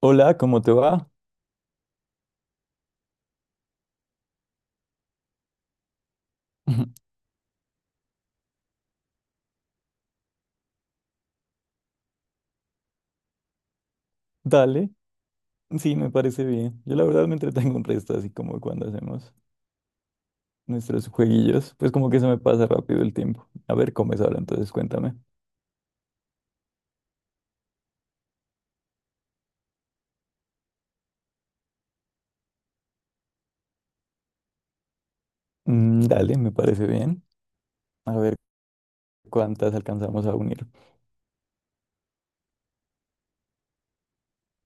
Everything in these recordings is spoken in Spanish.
Hola, ¿cómo te va? Dale, sí, me parece bien. Yo la verdad me entretengo un resto, así como cuando hacemos nuestros jueguillos, pues como que se me pasa rápido el tiempo. A ver, ¿cómo es ahora? Entonces cuéntame. Dale, me parece bien. A ver cuántas alcanzamos a unir.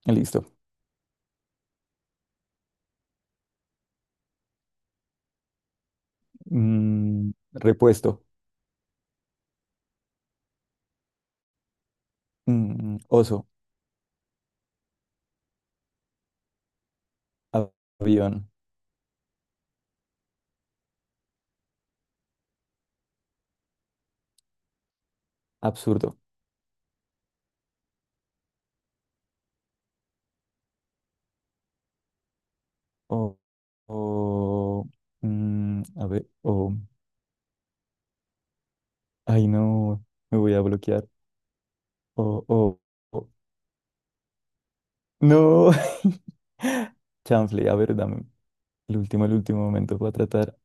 Listo. Repuesto. Oso. a- Avión. Absurdo. O, o, a ver, ay no, me voy a bloquear. O, o, o- no. Chanfle, a ver, dame el último momento para tratar.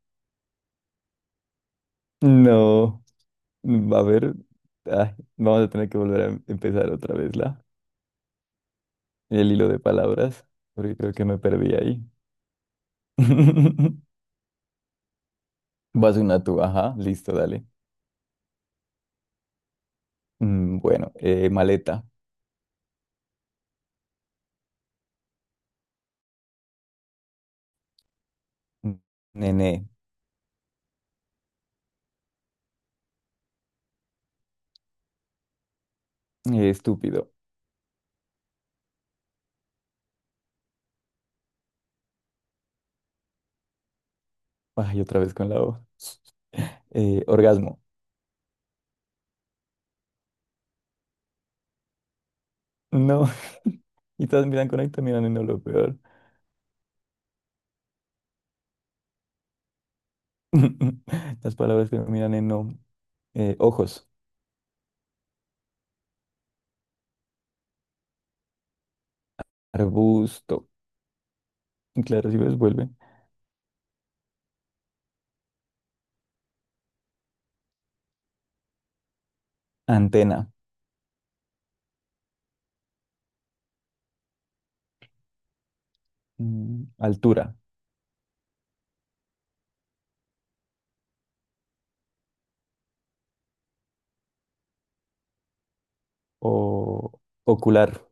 No, a ver, ay, vamos a tener que volver a empezar otra vez el hilo de palabras, porque creo que me perdí ahí. Vas una tú, ajá, listo, dale. Bueno, maleta, mm, nene, estúpido. Ay, otra vez con la O. Orgasmo. No, y todas miran con ahí, te miran en no, lo peor. Las palabras que miran en no. Ojos, arbusto. Claro, si ves, vuelve. Antena, altura o ocular,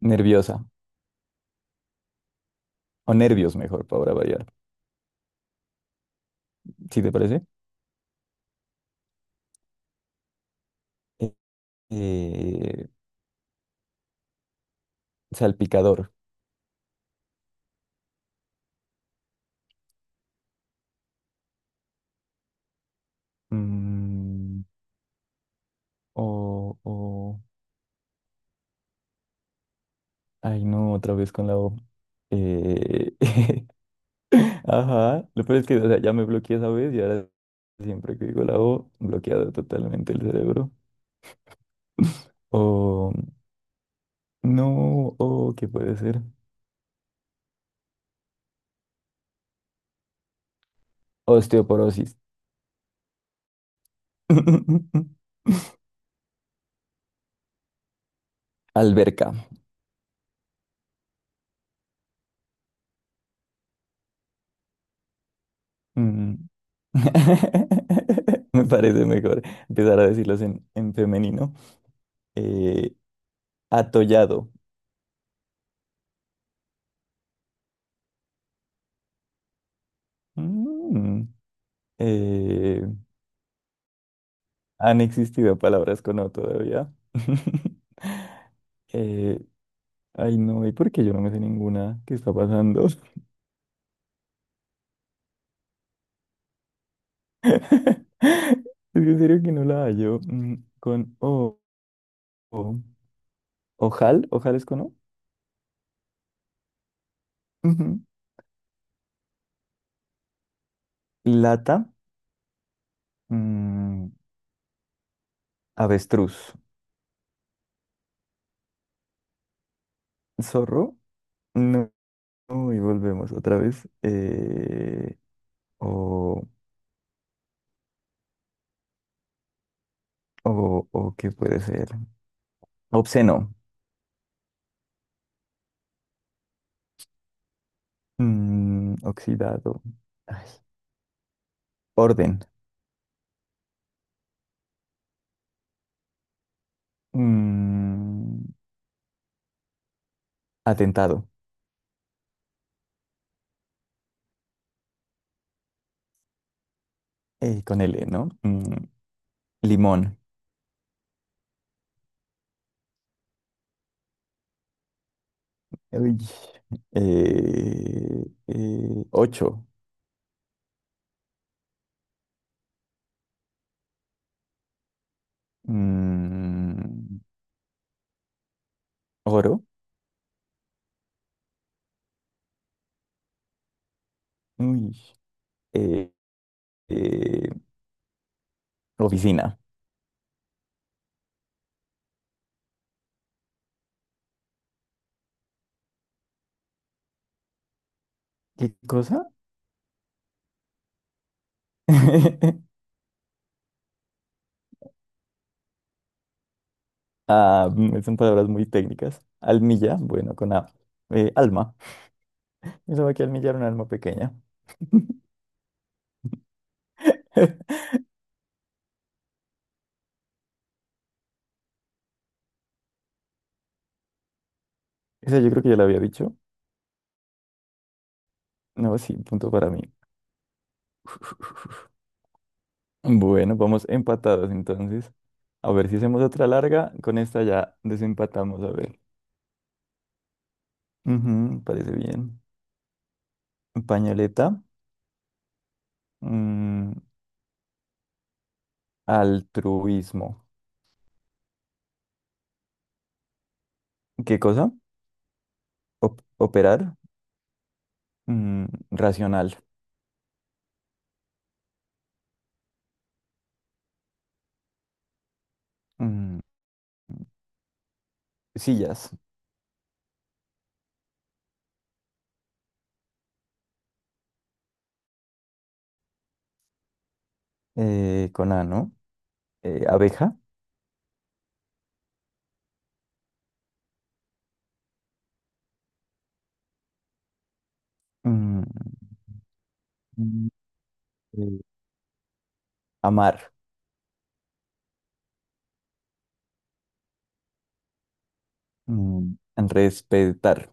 nerviosa o nervios mejor para variar, ¿si te parece? Eh, eh, Salpicador, mm, o... Ay, no, otra vez con la O. Eh, Ajá, lo peor es que o sea, ya me bloqueé esa vez y ahora siempre que digo la O, bloqueado totalmente el cerebro. O no, o ¿qué puede ser? Osteoporosis. Alberca. Mm. Me parece mejor empezar a decirlos en femenino. Eh, Atollado. Mm. Eh, Han existido palabras con O todavía. Eh, Ay, no, ¿y por qué yo no me sé ninguna? ¿Qué está pasando? Es que en serio que no la hallo. Mm, con O. o- Ojal, ojal es con O. Ujú. Lata, mm, avestruz. Zorro, no, no, y volvemos otra vez. O, o, ¿qué puede ser? Obsceno, oxidado, ay, orden, mm, atentado, con L, ¿no? Mm, limón, uy, ocho, mm, oro, uy, eh, eh, oficina. ¿Qué cosa? Ah, mm, son palabras muy técnicas. Almilla, bueno, con A. Alma. Yo sabía que almilla era un alma pequeña. Esa yo creo que ya la había dicho. No, sí, punto para mí. Bueno, vamos empatados entonces. A ver si hacemos otra larga. Con esta ya desempatamos, a ver. Ujú, parece bien. Pañoleta. Mm, Altruismo. ¿Qué cosa? Operar. Racional. Mm, Sillas. Eh, con A, ¿no? Abeja. Mm, Mm, eh, Amar, mm, respetar,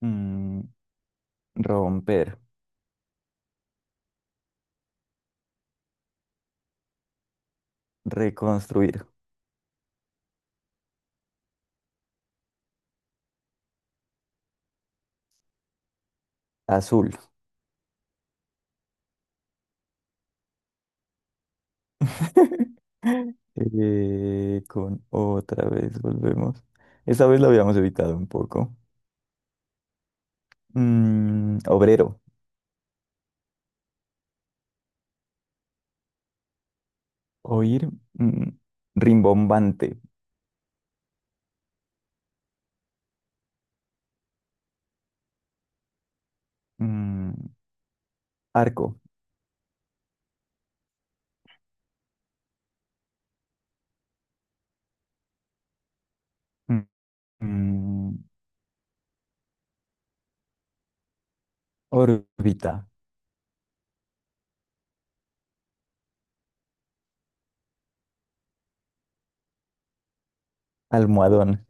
mm, romper, reconstruir, azul. Con otra vez volvemos. Esta vez lo habíamos evitado un poco. Obrero, oír, rimbombante, mm, arco, mm, mm, órbita, almohadón.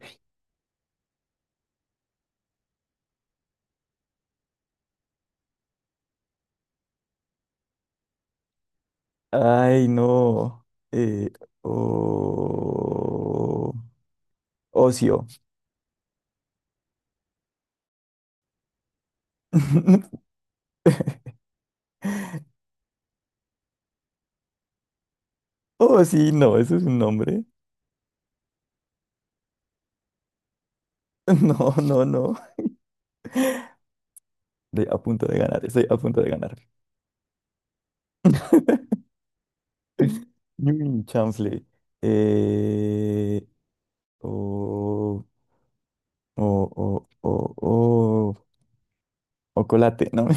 Ay, no. eh, o- Ocio. Oh, sí, no, eso es un nombre. No, no, no. Estoy a punto de ganar, estoy a punto de ganar. Mm, chanfle. Eh, o, o, o, o, o, o colate, ¿no?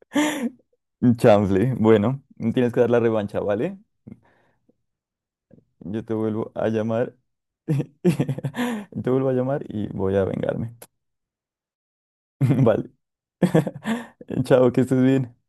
Chanfle. Bueno, tienes que dar la revancha, ¿vale? Yo te vuelvo a llamar. Te vuelvo a llamar y voy a vengarme. Vale. Chao, que estés bien.